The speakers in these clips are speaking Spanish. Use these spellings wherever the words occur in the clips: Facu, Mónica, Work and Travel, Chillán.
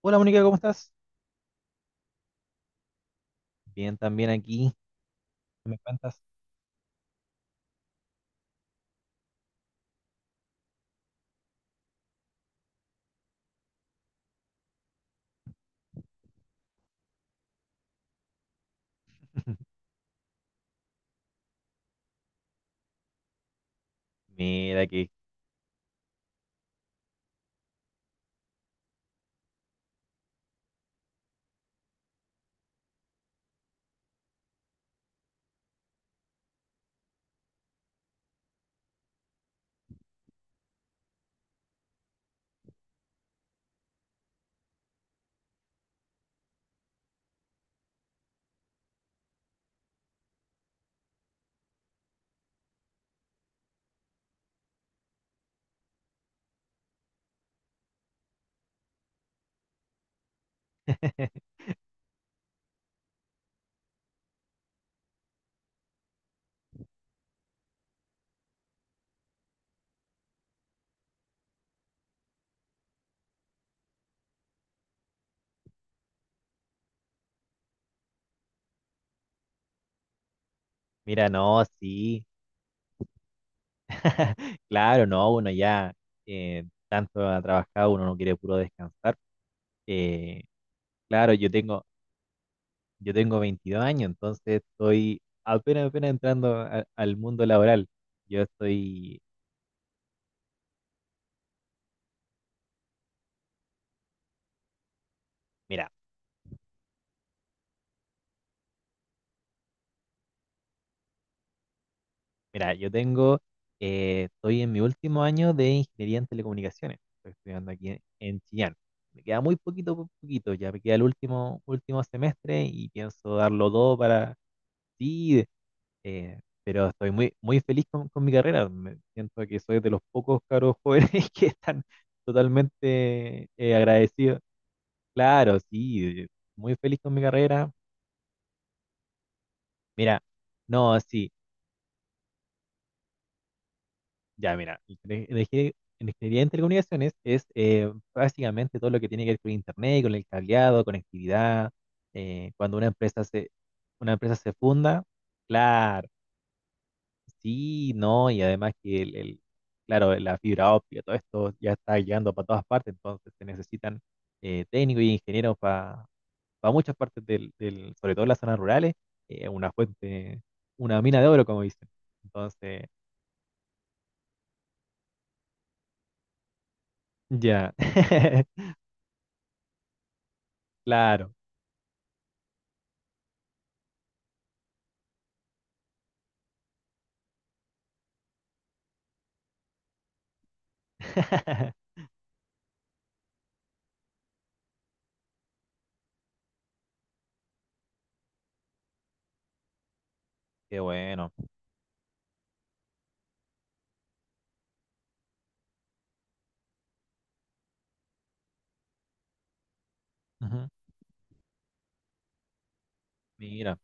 Hola, Mónica, ¿cómo estás? Bien, también aquí. ¿Qué me cuentas? Mira que, mira, no, sí. Claro, no, uno ya tanto ha trabajado, uno no quiere puro descansar. Eh, claro, yo tengo 22 años, entonces estoy apenas entrando al mundo laboral. Yo estoy, mira, Mira, estoy en mi último año de ingeniería en telecomunicaciones. Estoy estudiando aquí en Chillán. Me queda muy poquito, poquito, ya me queda el último semestre y pienso darlo todo para sí, pero estoy muy feliz con mi carrera. Me siento que soy de los pocos caros jóvenes que están totalmente agradecidos. Claro, sí, muy feliz con mi carrera. Mira, no, sí. Ya, mira, ingeniería en telecomunicaciones es básicamente todo lo que tiene que ver con internet, con el cableado, conectividad. Cuando una empresa se funda, claro, sí, no, y además claro, la fibra óptica, todo esto ya está llegando para todas partes, entonces se necesitan técnicos y ingenieros para muchas sobre todo en las zonas rurales, eh, una fuente, una mina de oro, como dicen. Entonces, ya. Claro. Qué bueno. Ujú. Mira.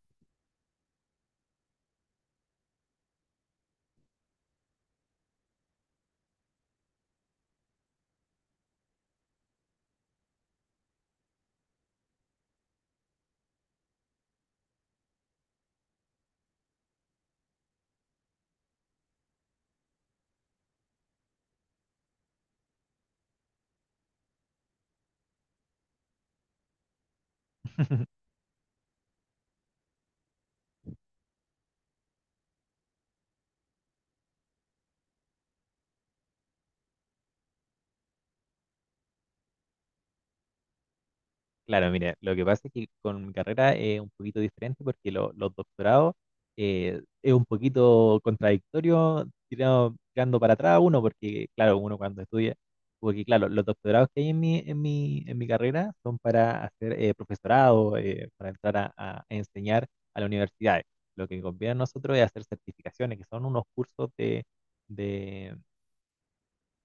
Claro, mire, lo que pasa es que con mi carrera es un poquito diferente porque los doctorados es un poquito contradictorio tirando para atrás uno, porque claro, uno cuando estudia, porque claro, los doctorados que hay en mi carrera son para hacer profesorado, para entrar a enseñar a las universidades. Lo que conviene a nosotros es hacer certificaciones, que son unos cursos de,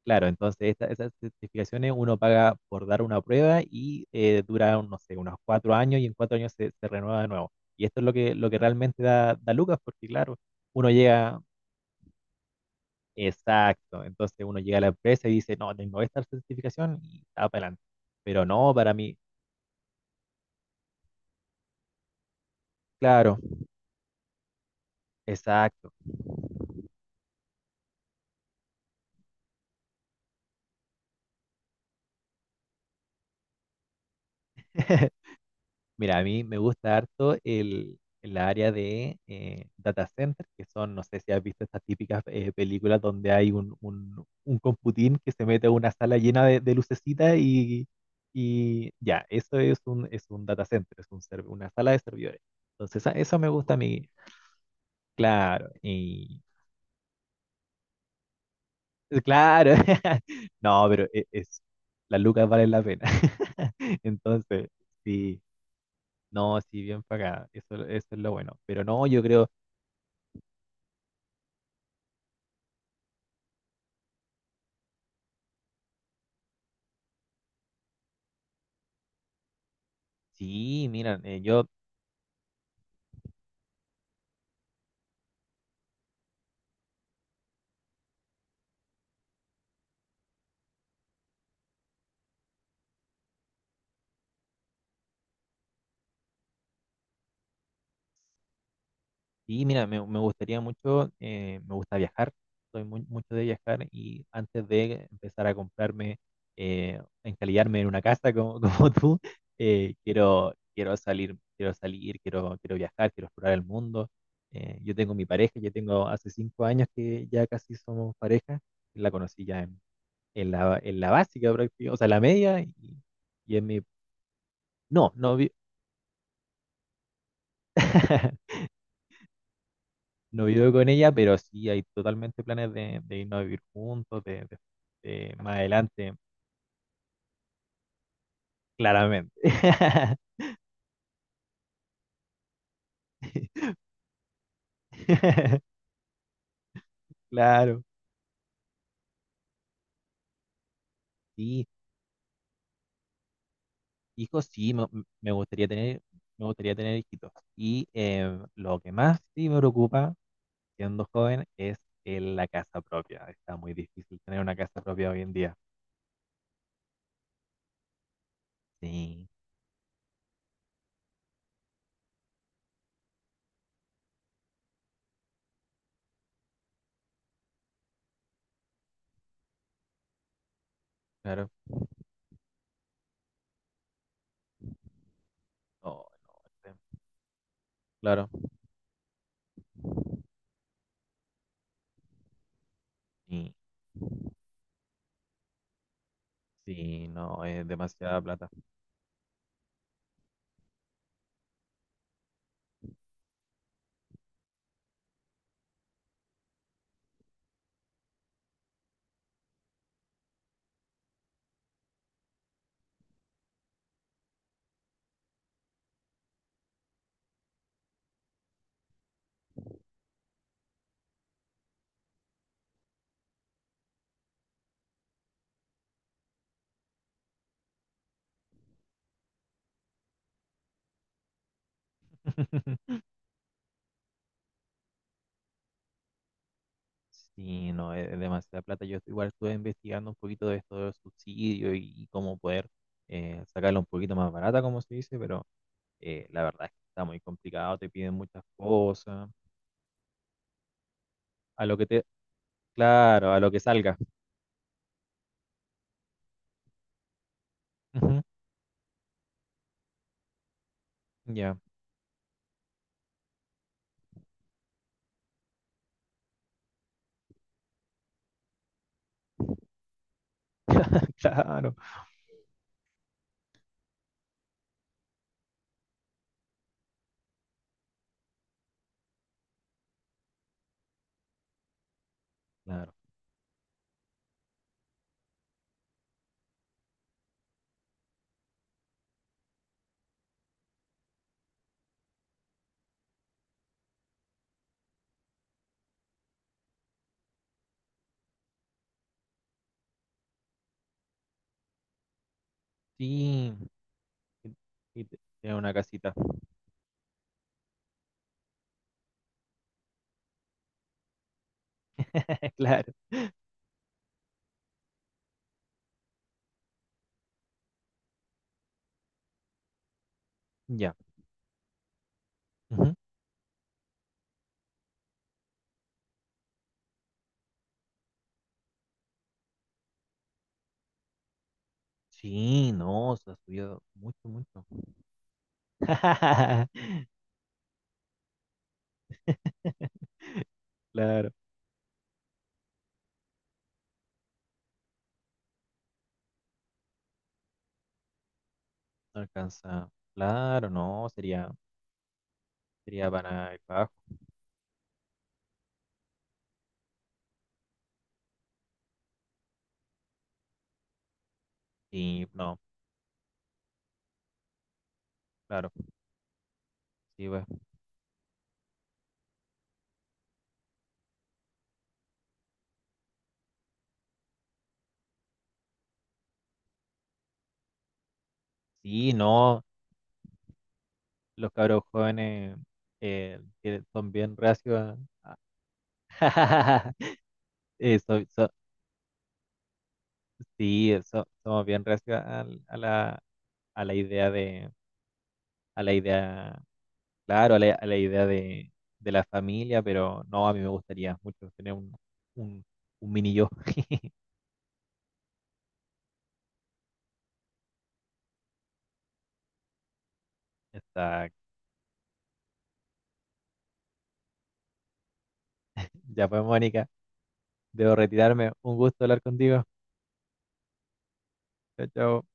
Claro, entonces esas certificaciones uno paga por dar una prueba y dura, no sé, unos cuatro años y en cuatro años se, se renueva de nuevo. Y esto es lo que realmente da, da lucas, porque claro, uno llega, exacto, entonces uno llega a la empresa y dice, no, tengo esta certificación y está para adelante. Pero no, para mí, claro, exacto. Mira, a mí me gusta harto el área de data center, que son, no sé si has visto estas típicas películas donde hay un computín que se mete a una sala llena de lucecitas y ya, eso es un data center, es un una sala de servidores. Entonces, eso me gusta a mí, claro, y claro, no, pero es, las lucas valen la pena. Entonces, sí, no, sí, bien pagada, eso es lo bueno. Pero no, yo creo... Sí, mira, sí, mira, me gustaría mucho, me gusta viajar, soy muy, mucho de viajar y antes de empezar a comprarme, encalillarme en una casa como, como tú, quiero salir, quiero salir, quiero viajar, quiero explorar el mundo. Yo tengo mi pareja, yo tengo hace cinco años que ya casi somos pareja, la conocí ya en la básica prácticamente, o sea, la media y en mi, no, no, vi- No vivo con ella, pero sí hay totalmente planes de irnos a vivir juntos, de más adelante, claramente. Claro, sí, hijos, sí, me, me gustaría tener, me gustaría tener hijitos. Y lo que más sí me preocupa, siendo joven, es la casa propia. Está muy difícil tener una casa propia hoy en día. Sí, claro. No, no, este, claro, sí, sí, no, es demasiada plata. Sí, no, es demasiada plata. Yo igual estuve investigando un poquito de esto del subsidio y cómo poder sacarla un poquito más barata, como se dice, pero la verdad es que está muy complicado, te piden muchas cosas, a lo que te, claro, a lo que salga. Ujú, Ya, Claro, claro. Sí, y, y te- tiene una casita. Claro, ya. Ujú. Sí, no, se ha subido mucho, mucho. Claro, no alcanza. Claro, no, sería sería para el trabajo. Y no, claro, sí, pues. Sí, no, los cabros jóvenes que son bien reacios a- a- eh, so- so- sí, somos bien reacios a la idea de, a la idea, claro, a la idea de la familia, pero no, a mí me gustaría mucho tener un, un mini yo. Está, ya pues, Mónica, debo retirarme. Un gusto hablar contigo. Chao, chao.